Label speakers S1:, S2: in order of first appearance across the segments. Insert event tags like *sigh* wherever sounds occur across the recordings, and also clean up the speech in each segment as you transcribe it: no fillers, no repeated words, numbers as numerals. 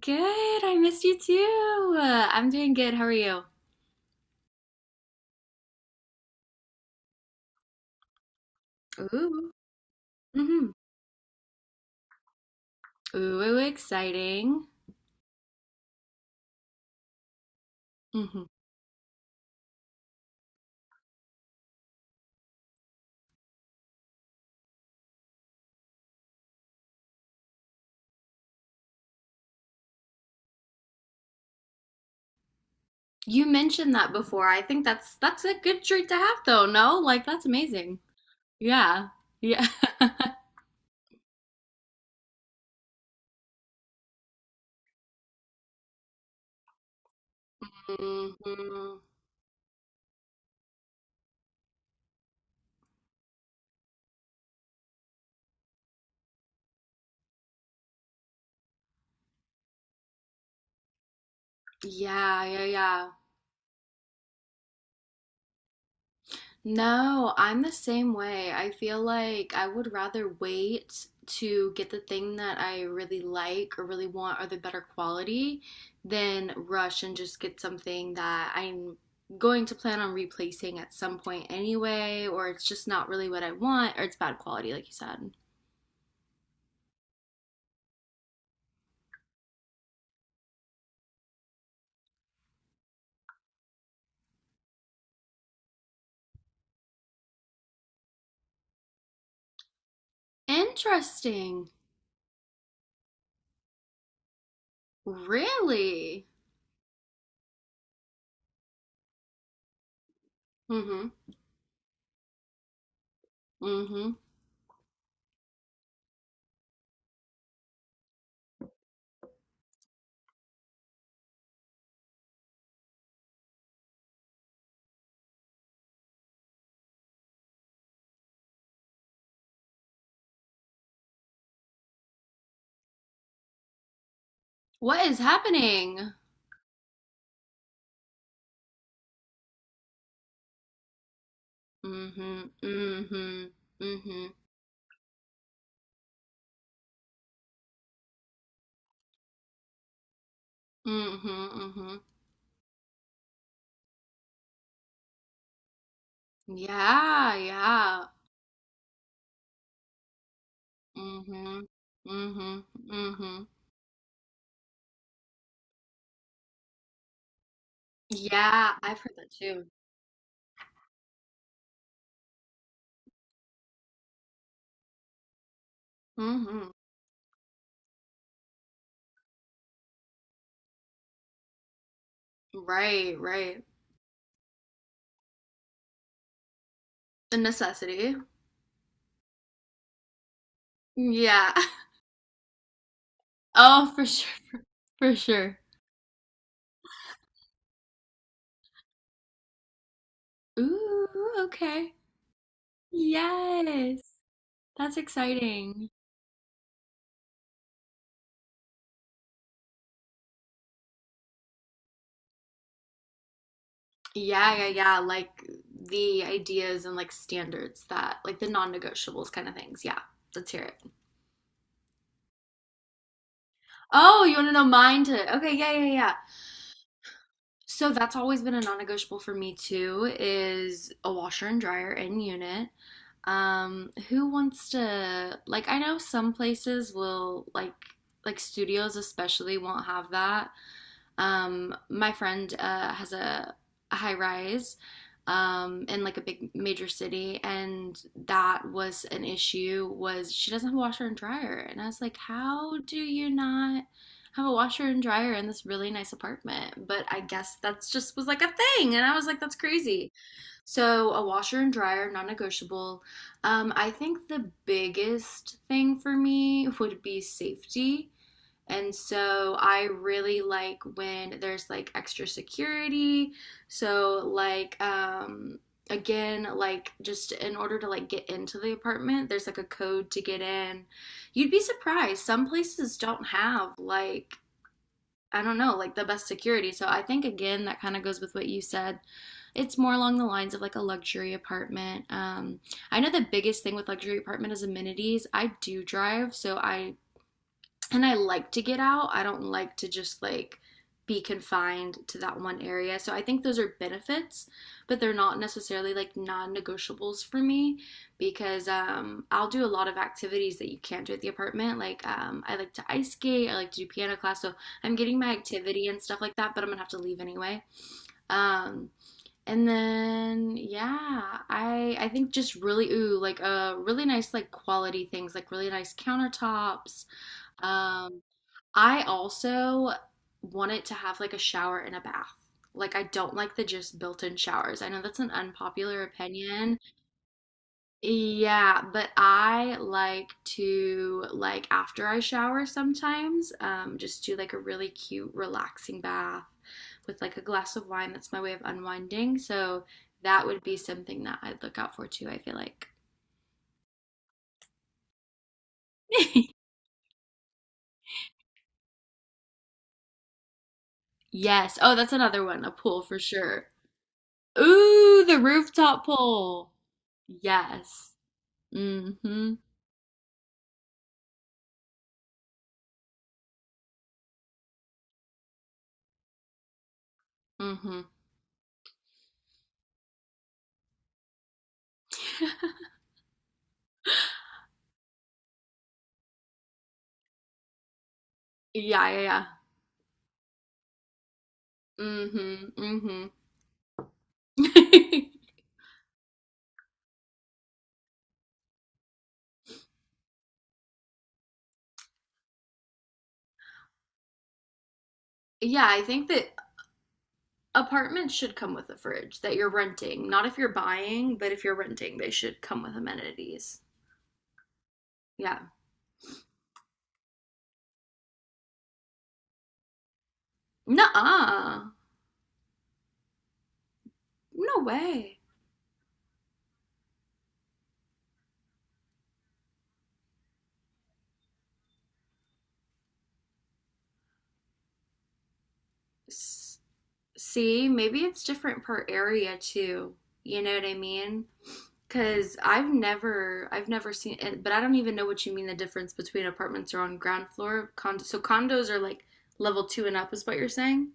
S1: Good. I missed you too. I'm doing good. How are you? Ooh. Mm-hmm. Ooh, exciting. Mm-hmm. You mentioned that before. I think that's a good treat to have though, no? Like that's amazing. Yeah. Yeah. *laughs* Hmm. Yeah, yeah, yeah. No, I'm the same way. I feel like I would rather wait to get the thing that I really like or really want or the better quality than rush and just get something that I'm going to plan on replacing at some point anyway, or it's just not really what I want or it's bad quality, like you said. Interesting. Really? Mm-hmm. Mm-hmm. What is happening? Mm-hmm. Mm-hmm. Mm-hmm. Mm-hmm. Mm-hmm. Yeah, yeah. Mm-hmm. Mm-hmm. Mm-hmm. Yeah, I've heard that too. Mm-hmm. Right, right. The necessity. Yeah. *laughs* Oh, for sure, *laughs* for sure. Ooh, okay. Yes. That's exciting. Yeah, yeah, yeah. Like the ideas and like standards that like the non-negotiables kind of things. Yeah. Let's hear it. Oh, you want to know mine too? Okay, yeah, yeah, yeah. So that's always been a non-negotiable for me too is a washer and dryer in unit. Who wants to like I know some places will like studios especially won't have that. My friend has a high rise in like a big major city, and that was an issue. Was she doesn't have a washer and dryer, and I was like, how do you not have a washer and dryer in this really nice apartment? But I guess that's just was like a thing. And I was like, that's crazy. So a washer and dryer, non negotiable. I think the biggest thing for me would be safety. And so I really like when there's like extra security. So like again like just in order to like get into the apartment, there's like a code to get in. You'd be surprised. Some places don't have like I don't know, like the best security. So I think again that kind of goes with what you said. It's more along the lines of like a luxury apartment. I know the biggest thing with luxury apartment is amenities. I do drive, so I and I like to get out. I don't like to just like be confined to that one area. So I think those are benefits, but they're not necessarily like non-negotiables for me because I'll do a lot of activities that you can't do at the apartment. Like I like to ice skate, I like to do piano class, so I'm getting my activity and stuff like that. But I'm gonna have to leave anyway. Um, and then yeah, I think just really ooh like really nice like quality things like really nice countertops, um, I also want it to have like a shower and a bath. Like I don't like the just built-in showers. I know that's an unpopular opinion. Yeah, but I like to like after I shower sometimes, just do like a really cute relaxing bath with like a glass of wine. That's my way of unwinding. So that would be something that I'd look out for too, I feel like. *laughs* Yes. Oh, that's another one, a pool for sure. Ooh, the rooftop pole. Yes. Mm-hmm. Mm-hmm. *laughs* Yeah, yeah, yeah. Mm-hmm. Mm-hmm. *laughs* Yeah, I think that apartments should come with a fridge that you're renting. Not if you're buying, but if you're renting, they should come with amenities. Yeah. Nuh-uh. No way. S- See, maybe it's different per area too. You know what I mean? Because I've never seen it, but I don't even know what you mean the difference between apartments are on ground floor. Condo, so condos are like level two and up, is what you're saying?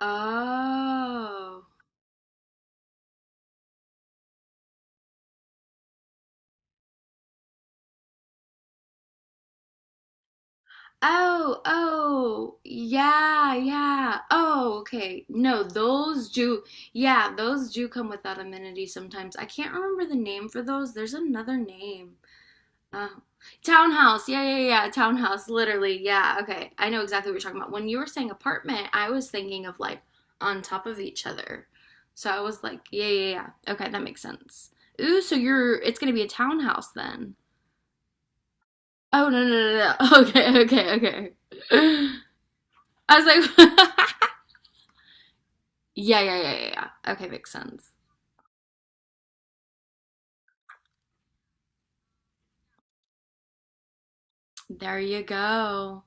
S1: Oh. Oh, oh, yeah, yeah. Oh, okay. No, those do, yeah, those do come without amenities sometimes. I can't remember the name for those. There's another name. Oh, townhouse. Yeah, yeah, yeah. Townhouse. Literally. Yeah. Okay. I know exactly what you're talking about. When you were saying apartment, I was thinking of like on top of each other. So I was like, yeah, yeah, yeah. Okay, that makes sense. Ooh, so you're it's gonna be a townhouse then. Oh no no no no. *laughs* Okay, okay, okay. *laughs* I was like, *laughs* yeah, yeah, yeah, yeah, yeah. Okay, makes sense. There you go.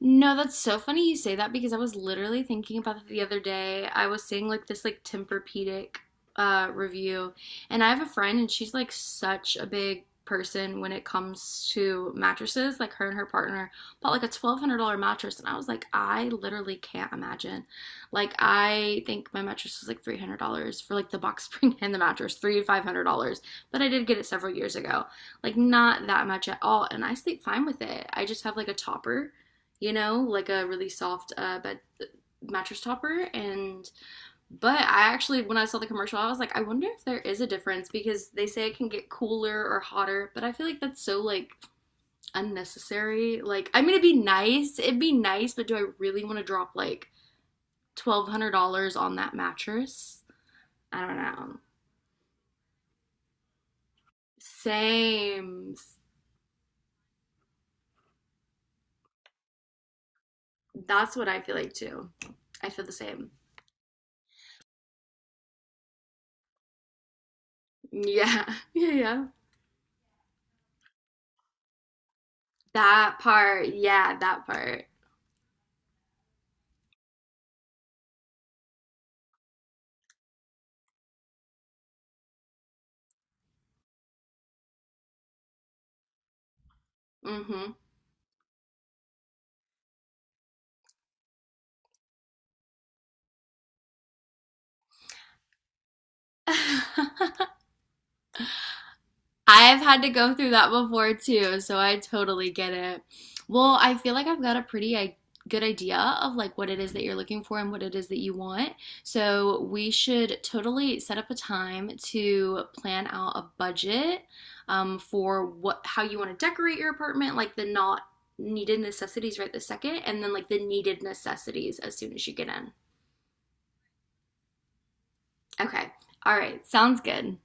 S1: No, that's so funny you say that because I was literally thinking about it the other day. I was seeing like this like Tempur-Pedic review, and I have a friend and she's like such a big person when it comes to mattresses. Like her and her partner bought like a $1,200 mattress and I was like, I literally can't imagine. Like I think my mattress was like $300 for like the box *laughs* spring and the mattress, three to $500. But I did get it several years ago. Like not that much at all and I sleep fine with it. I just have like a topper, like a really soft bed mattress topper. And but I actually, when I saw the commercial, I was like, I wonder if there is a difference because they say it can get cooler or hotter, but I feel like that's so like unnecessary. Like, I mean, it'd be nice, but do I really want to drop like $1,200 on that mattress? I don't know. Same. That's what I feel like too. I feel the same. *laughs* Yeah. Yeah, yeah. That part. Yeah, that part. Mm hmm. *laughs* I've had to go through that before too, so I totally get it. Well, I feel like I've got a pretty good idea of like what it is that you're looking for and what it is that you want. So we should totally set up a time to plan out a budget, for what how you want to decorate your apartment, like the not needed necessities right this second, and then like the needed necessities as soon as you get in. Okay. All right. Sounds good.